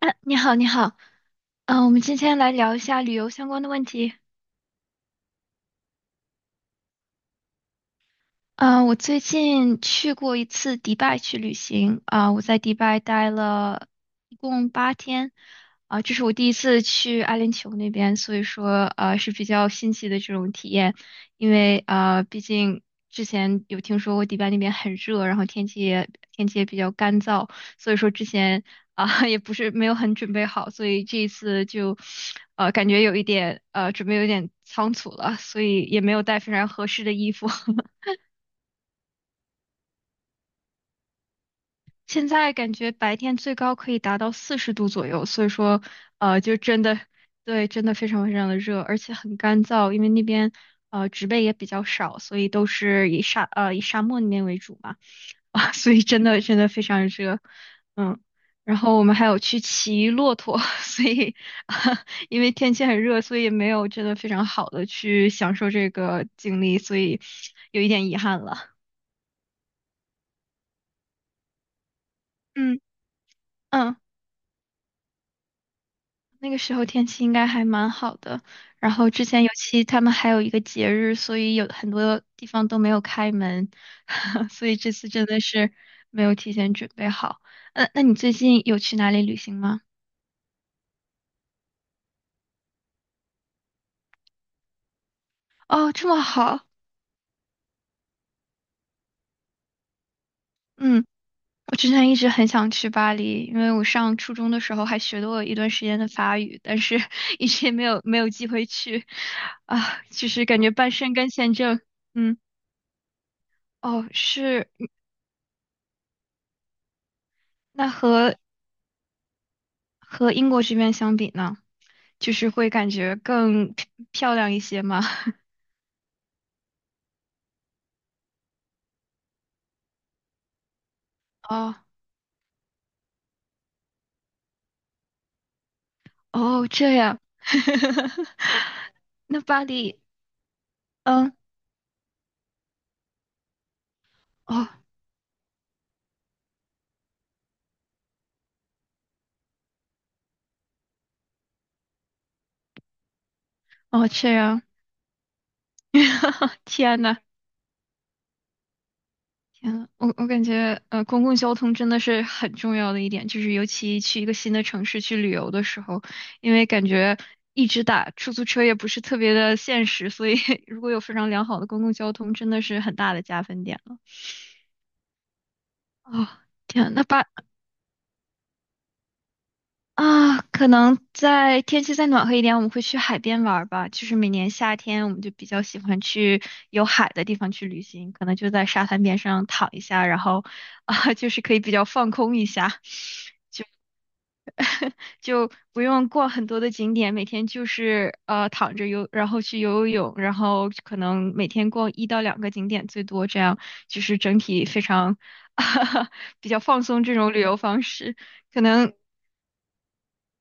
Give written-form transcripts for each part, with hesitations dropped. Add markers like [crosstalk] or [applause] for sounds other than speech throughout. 啊，你好，你好，我们今天来聊一下旅游相关的问题。啊，我最近去过一次迪拜去旅行啊，我在迪拜待了一共8天啊，这是我第一次去阿联酋那边，所以说是比较新奇的这种体验，因为啊，毕竟之前有听说过迪拜那边很热，然后天气也比较干燥，所以说之前啊 [laughs] 也不是没有很准备好，所以这一次就感觉有一点准备有点仓促了，所以也没有带非常合适的衣服。[laughs] 现在感觉白天最高可以达到40度左右，所以说，就真的，对，真的非常非常的热，而且很干燥，因为那边植被也比较少，所以都是以沙漠那边为主嘛，[laughs] 啊，所以真的真的非常热，嗯，然后我们还有去骑骆驼，[laughs] 所以 [laughs]、因为天气很热，所以也没有真的非常好的去享受这个经历，所以有一点遗憾了，嗯嗯。那个时候天气应该还蛮好的，然后之前尤其他们还有一个节日，所以有很多地方都没有开门，[laughs] 所以这次真的是没有提前准备好。那你最近有去哪里旅行吗？哦，这么好，嗯，我之前一直很想去巴黎，因为我上初中的时候还学过一段时间的法语，但是 [laughs] 一直也没有机会去，啊，就是感觉半申跟签证，嗯，哦，是，那和英国这边相比呢，就是会感觉更漂亮一些吗？[laughs] 哦哦，这样，[laughs] 那巴黎，嗯，哦哦，这样，[laughs] 天呐，天呐，我感觉公共交通真的是很重要的一点，就是尤其去一个新的城市去旅游的时候，因为感觉一直打出租车也不是特别的现实，所以 [laughs] 如果有非常良好的公共交通，真的是很大的加分点了。哦，天呐，啊，可能在天气再暖和一点，我们会去海边玩儿吧。就是每年夏天，我们就比较喜欢去有海的地方去旅行，可能就在沙滩边上躺一下，然后啊，就是可以比较放空一下，就不用逛很多的景点，每天就是躺着游，然后去游游泳，然后可能每天逛一到两个景点最多，这样就是整体非常 [laughs] 比较放松这种旅游方式，可能。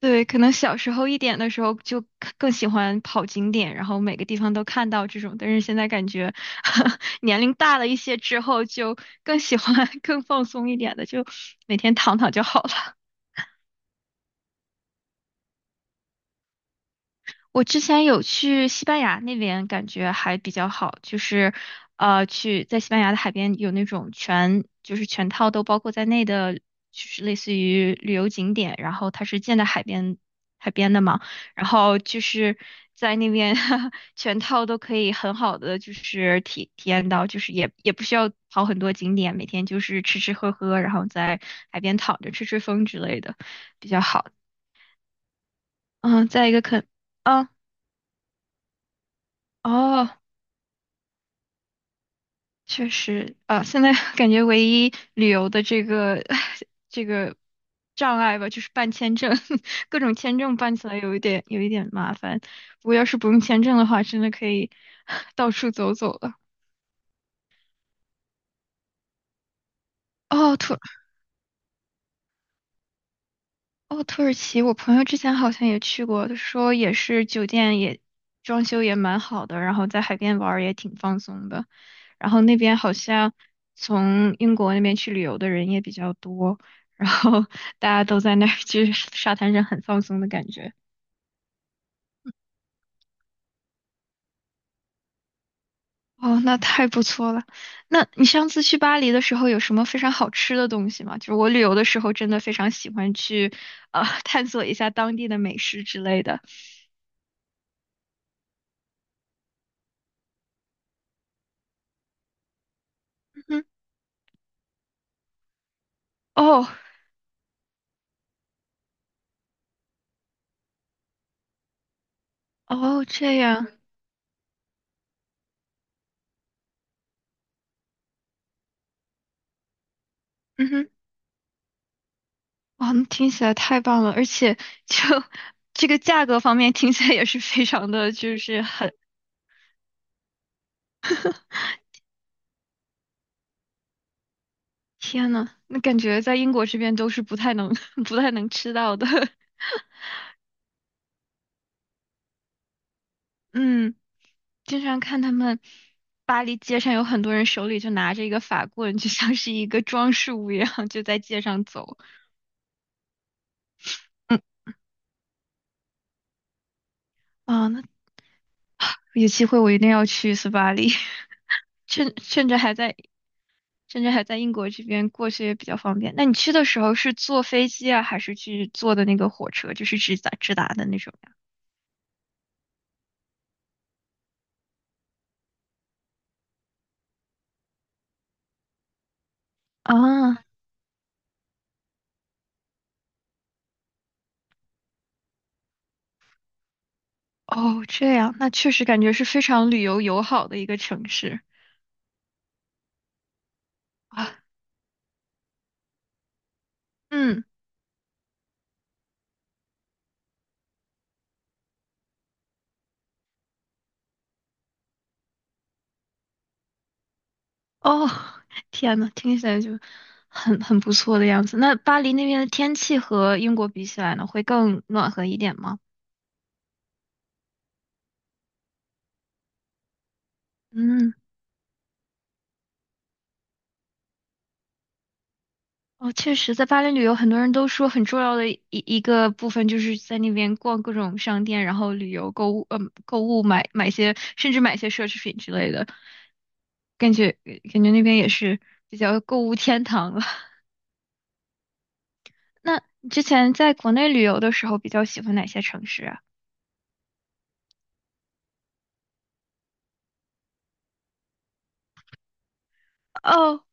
对，可能小时候一点的时候就看更喜欢跑景点，然后每个地方都看到这种，但是现在感觉 [laughs] 年龄大了一些之后，就更喜欢 [laughs] 更放松一点的，就每天躺躺就好了。我之前有去西班牙那边，感觉还比较好，就是去在西班牙的海边有那种就是全套都包括在内的，就是类似于旅游景点，然后它是建在海边的嘛，然后就是在那边 [laughs] 全套都可以很好的就是体验到，就是也不需要跑很多景点，每天就是吃吃喝喝，然后在海边躺着吹吹风之类的，比较好。嗯，再一个肯嗯，哦。确实啊，现在 [laughs] 感觉唯一旅游的这个 [laughs] 这个障碍吧，就是办签证，[laughs] 各种签证办起来有一点麻烦。不过要是不用签证的话，真的可以 [laughs] 到处走走了。哦，哦，土耳其，我朋友之前好像也去过，他说也是酒店也装修也蛮好的，然后在海边玩儿也挺放松的。然后那边好像从英国那边去旅游的人也比较多，然后大家都在那儿就是沙滩上很放松的感觉。哦，那太不错了。那你上次去巴黎的时候有什么非常好吃的东西吗？就是我旅游的时候真的非常喜欢去[laughs] 探索一下当地的美食之类的。嗯，哦哦，这样。嗯哼，哇，那听起来太棒了，而且就 [laughs] 这个价格方面听起来也是非常的，就是很，天呐，那感觉在英国这边都是不太能 [laughs] 不太能吃到的。[laughs] 嗯，经常看他们巴黎街上有很多人手里就拿着一个法棍，就像是一个装饰物一样，就在街上走。嗯，啊，那有机会我一定要去巴黎，[laughs] 趁着还在甚至还在英国这边过去也比较方便。那你去的时候是坐飞机啊，还是去坐的那个火车，就是直达的那种呀？啊，哦，这样，那确实感觉是非常旅游友好的一个城市啊。嗯，哦，天呐，听起来就很不错的样子。那巴黎那边的天气和英国比起来呢，会更暖和一点吗？嗯。哦，确实，在巴黎旅游，很多人都说很重要的一个部分就是在那边逛各种商店，然后旅游、购物，购物买些，甚至买些奢侈品之类的。感觉感觉那边也是比较购物天堂了。[laughs] 那你之前在国内旅游的时候，比较喜欢哪些城市啊？哦，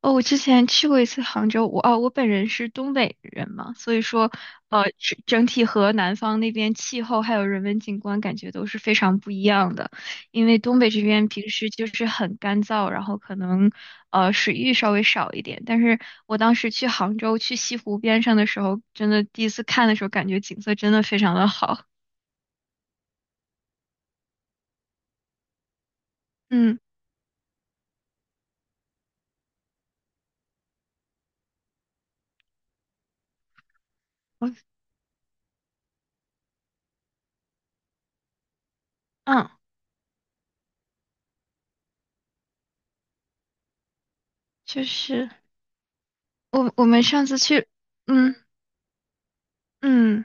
哦，我之前去过一次杭州，我本人是东北人嘛，所以说，整体和南方那边气候还有人文景观感觉都是非常不一样的。因为东北这边平时就是很干燥，然后可能水域稍微少一点。但是我当时去杭州去西湖边上的时候，真的第一次看的时候，感觉景色真的非常的好。嗯我嗯，就是我们上次去，嗯嗯。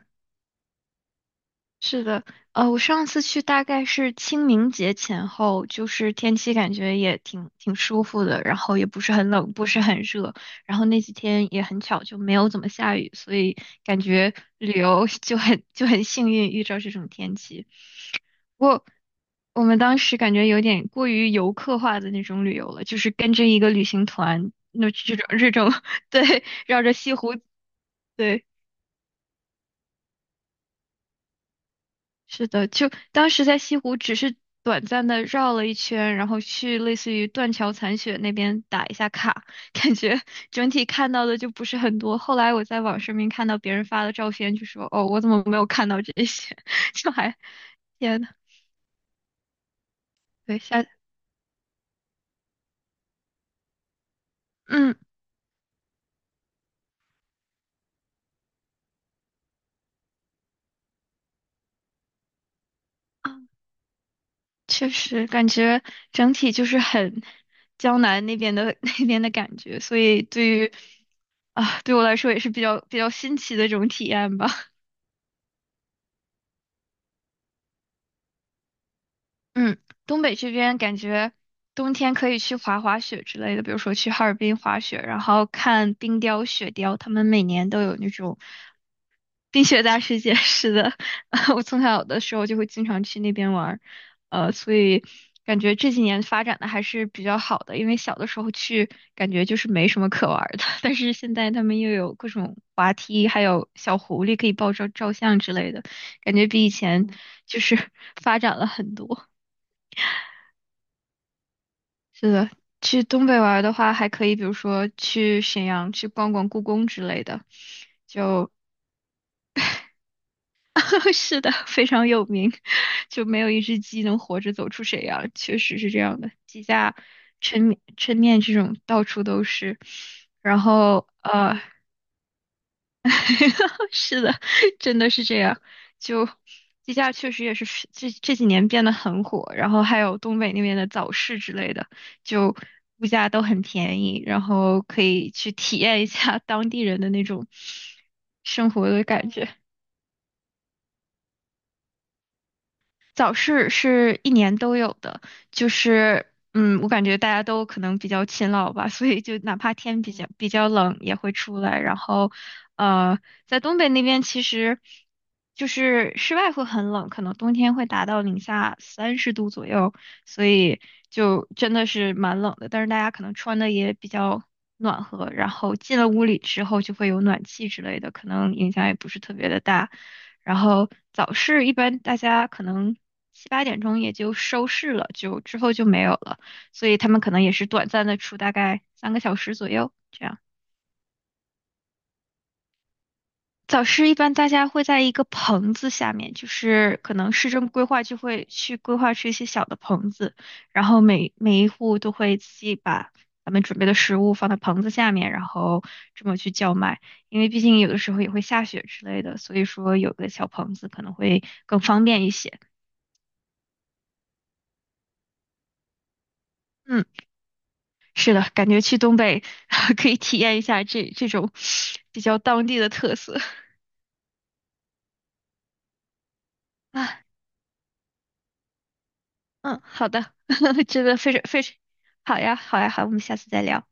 是的，我上次去大概是清明节前后，就是天气感觉也挺舒服的，然后也不是很冷，不是很热，然后那几天也很巧就没有怎么下雨，所以感觉旅游 [laughs] 就很幸运遇到这种天气。不过我们当时感觉有点过于游客化的那种旅游了，就是跟着一个旅行团，那这种 [laughs] 对，绕着西湖，对。是的，就当时在西湖只是短暂的绕了一圈，然后去类似于断桥残雪那边打一下卡，[laughs] 感觉整体看到的就不是很多。后来我在网上面看到别人发的照片，就说：“哦，我怎么没有看到这些？” [laughs] 就还，天呐，对，下，嗯，啊确实感觉整体就是很江南那边的 [laughs] 那边的感觉，所以对于啊，对我来说也是比较新奇的这种体验吧。嗯，东北这边感觉冬天可以去滑滑雪之类的，比如说去哈尔滨滑雪，然后看冰雕、雪雕，他们每年都有那种冰雪大世界似的。[laughs] 我从小的时候就会经常去那边玩儿所以感觉这几年发展的还是比较好的，因为小的时候去感觉就是没什么可玩儿的，[laughs] 但是现在他们又有各种滑梯，还有小狐狸可以抱照照相之类的，感觉比以前就是发展了很多。是的，去东北玩儿的话，还可以，比如说去沈阳去逛逛故宫之类的，就 [laughs] 是的，非常有名，[laughs] 就没有一只鸡能活着走出沈阳，确实是这样的。鸡架、抻面这种到处都是，然后[laughs] 是的，真的是这样。就鸡架确实也是这几年变得很火，然后还有东北那边的早市之类的，就物价都很便宜，然后可以去体验一下 [laughs] 当地人的那种生活的感觉。早市是一年都有的，就是我感觉大家都可能比较勤劳吧，所以就哪怕天比较冷也会出来。然后，呃，在东北那边其实就是室外会很冷，可能冬天会达到零下30度左右，所以就真的是蛮冷的。但是大家可能穿的也比较暖和，然后进了屋里之后就会有暖气之类的，可能影响也不是特别的大。然后早市一般大家可能7、8点钟也就收市了，就之后就没有了，所以他们可能也是短暂的出大概3个小时左右这样。早市一般大家会在一个棚子下面，就是可能市政规划就会去规划出一些小的棚子，然后每一户都会自己把咱们准备的食物放在棚子下面，然后这么去叫卖。因为毕竟有的时候也会下雪之类的，所以说有个小棚子可能会更方便一些。嗯。是的，感觉去东北 [laughs] 可以体验一下这种比较当地的特色 [laughs] 啊。嗯，好的，[laughs] 真的非常非常好呀，好呀，好，我们下次再聊。